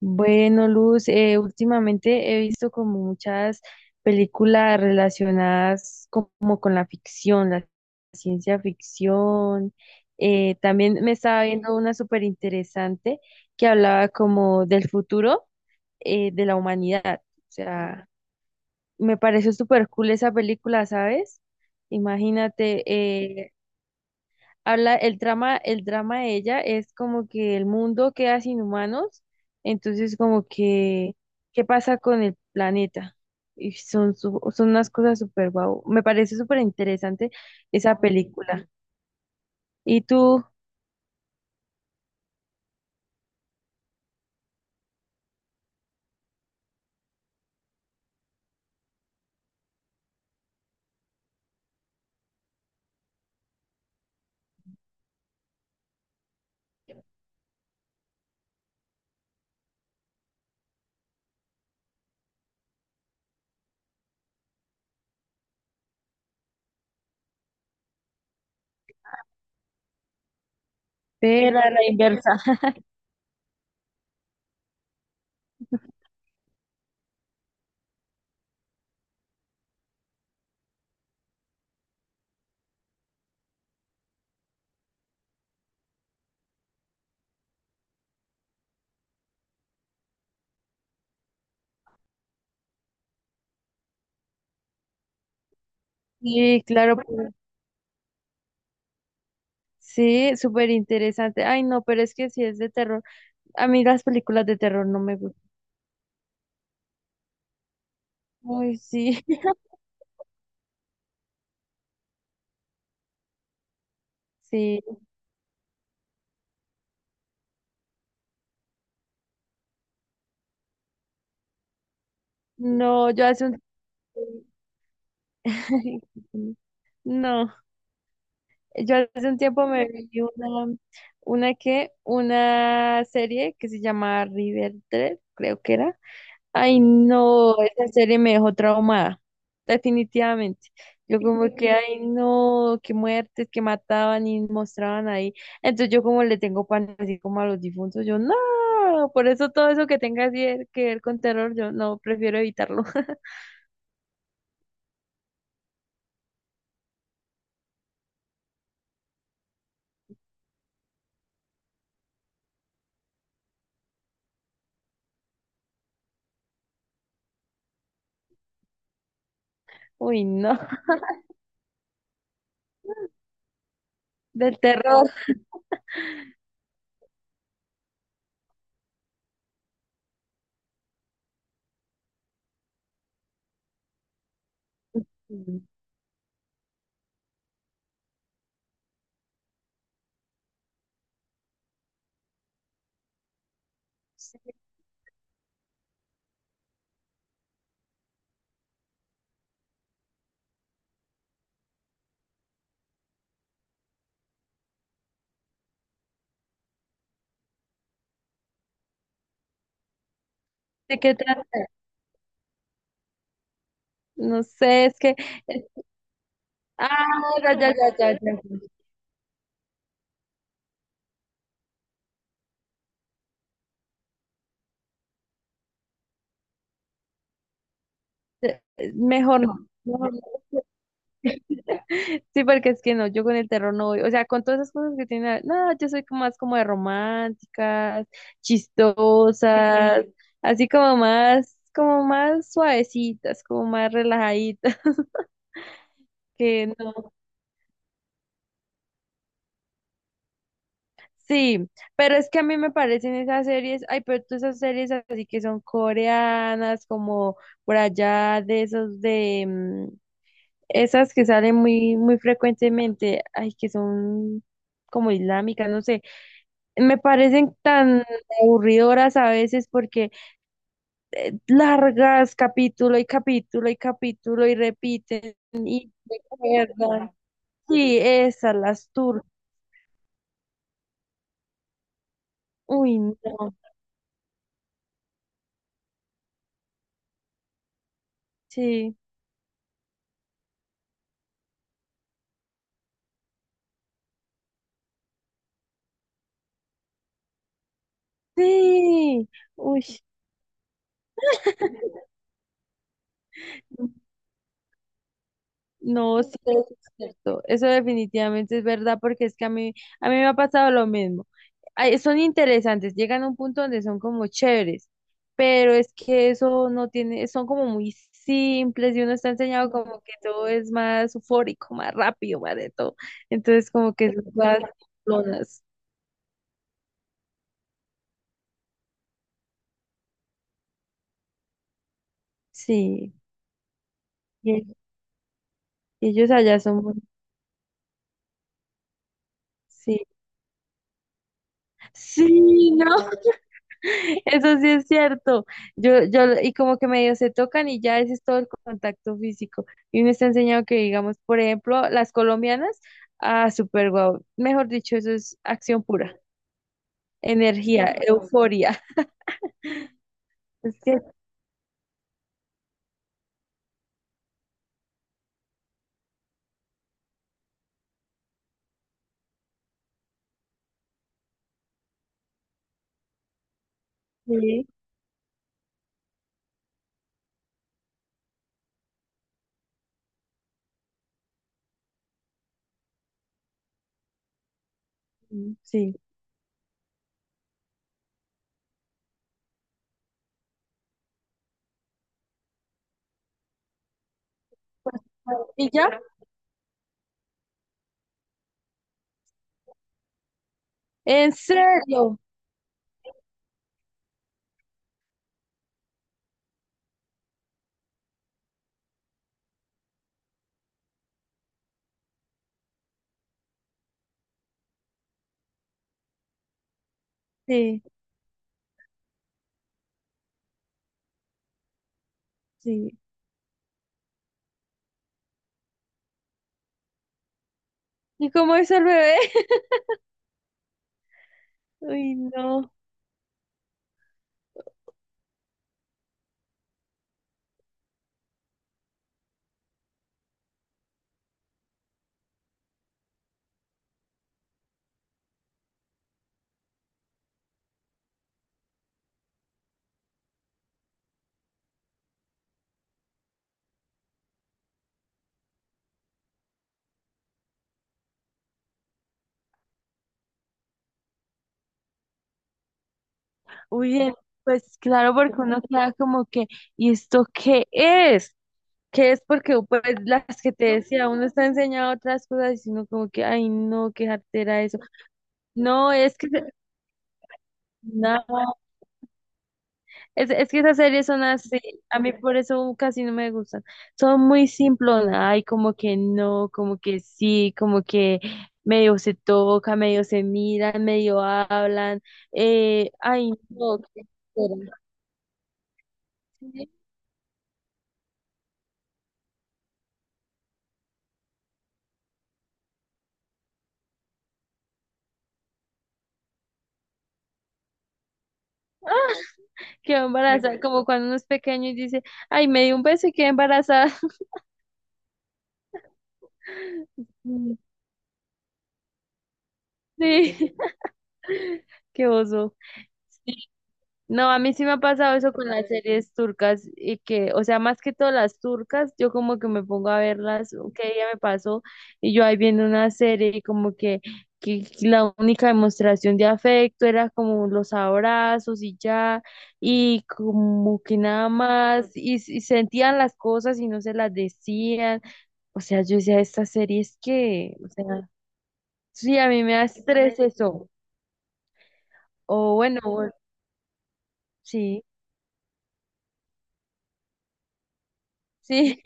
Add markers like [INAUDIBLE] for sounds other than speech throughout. Bueno, Luz, últimamente he visto como muchas películas relacionadas como con la ficción, la ciencia ficción. También me estaba viendo una súper interesante que hablaba como del futuro de la humanidad. O sea, me pareció súper cool esa película, ¿sabes? Imagínate. El trama, el drama de ella es como que el mundo queda sin humanos, entonces como que, ¿qué pasa con el planeta? Y son, son unas cosas súper guau. Me parece súper interesante esa película. Y tú, ve, era la inversa. Sí, claro, pues, sí, súper interesante. Ay, no, pero es que si es de terror, a mí las películas de terror no me gustan. Ay, sí, [LAUGHS] sí. No, yo hace un... [LAUGHS] No. Yo hace un tiempo me vi una, una serie que se llama Riverdale, creo que era. Ay, no, esa serie me dejó traumada, definitivamente. Yo como que, ay, no, qué muertes que mataban y mostraban ahí. Entonces yo como le tengo pan así como a los difuntos, yo no, por eso todo eso que tenga que ver con terror, yo no, prefiero evitarlo. [LAUGHS] Uy, no, del terror. ¿De qué trata? No sé, es que. Eh, Ah, ya, ya, ya, ya, ya, ya. Mejor no, mejor no. [LAUGHS] Sí, porque es que no, yo con el terror no voy. O sea, con todas esas cosas que tiene. No, yo soy como más como de románticas, chistosas, así como más suavecitas, como más relajaditas. [LAUGHS] Que no. Sí, pero es que a mí me parecen esas series. Ay, pero todas esas series así que son coreanas, como por allá de esos de. Mm, esas que salen muy, muy frecuentemente, ay, que son como islámicas, no sé, me parecen tan aburridoras a veces porque largas capítulo y capítulo y capítulo y repiten y recuerdan. Sí, esas, las turcas. Uy, no. Sí. Sí. Uy. No, sí, eso es cierto. Eso definitivamente es verdad porque es que a mí me ha pasado lo mismo. Ay, son interesantes, llegan a un punto donde son como chéveres, pero es que eso no tiene, son como muy simples y uno está enseñado como que todo es más eufórico, más rápido, más de todo. Entonces como que son todas simplonas. Sí, y, y ellos allá son muy... Sí, sí, no. [LAUGHS] Eso sí es cierto. Y como que medio se tocan y ya ese es todo el contacto físico. Y me está enseñando que, digamos, por ejemplo, las colombianas, ah, súper guau. Mejor dicho, eso es acción pura, energía, euforia. [LAUGHS] Es que sí, sí. ¿Y ya? ¿En serio? Sí, sí. ¿Y cómo es el bebé? [LAUGHS] Uy, no. Uy, pues claro, porque uno queda como que, ¿y esto qué es? Que es porque pues las que te decía, uno está enseñado otras cosas y si uno como que, ay no, qué jartera eso. No, es que se- no, es que esas series son así, a mí por eso casi no me gustan. Son muy simplonas, ay como que no, como que sí, como que medio se toca, medio se miran, medio hablan, eh, ay, quedó embarazada, como cuando uno es pequeño y dice, ay, me dio un beso y quedé embarazada. [LAUGHS] Sí, [LAUGHS] qué oso. No, a mí sí me ha pasado eso con las series turcas y que, o sea, más que todas las turcas, yo como que me pongo a verlas, que ella me pasó y yo ahí viendo una serie y como que la única demostración de afecto era como los abrazos y ya, y como que nada más, y sentían las cosas y no se las decían, o sea, yo decía, esta serie es que, o sea, sí, a mí me da estrés eso, o bueno, o- sí, sí.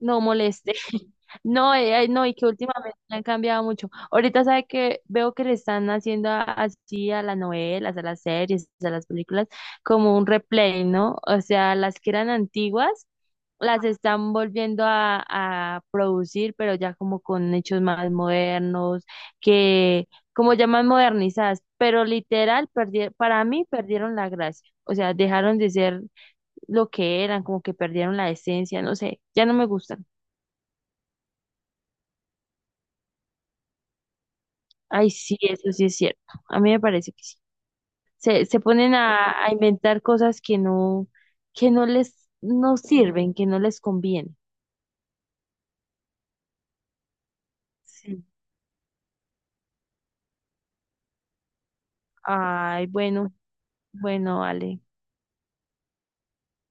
No moleste. [LAUGHS] No, no, y que últimamente han cambiado mucho. Ahorita sabe que veo que le están haciendo así a las novelas, a las series, a las películas, como un replay, ¿no? O sea, las que eran antiguas, las están volviendo a producir, pero ya como con hechos más modernos, que como ya más modernizadas, pero literal, para mí perdieron la gracia. O sea, dejaron de ser lo que eran, como que perdieron la esencia, no sé, ya no me gustan. Ay, sí, eso sí es cierto. A mí me parece que sí. Se ponen a inventar cosas que no les, no sirven, que no les conviene. Sí. Ay, bueno, bueno, Ale.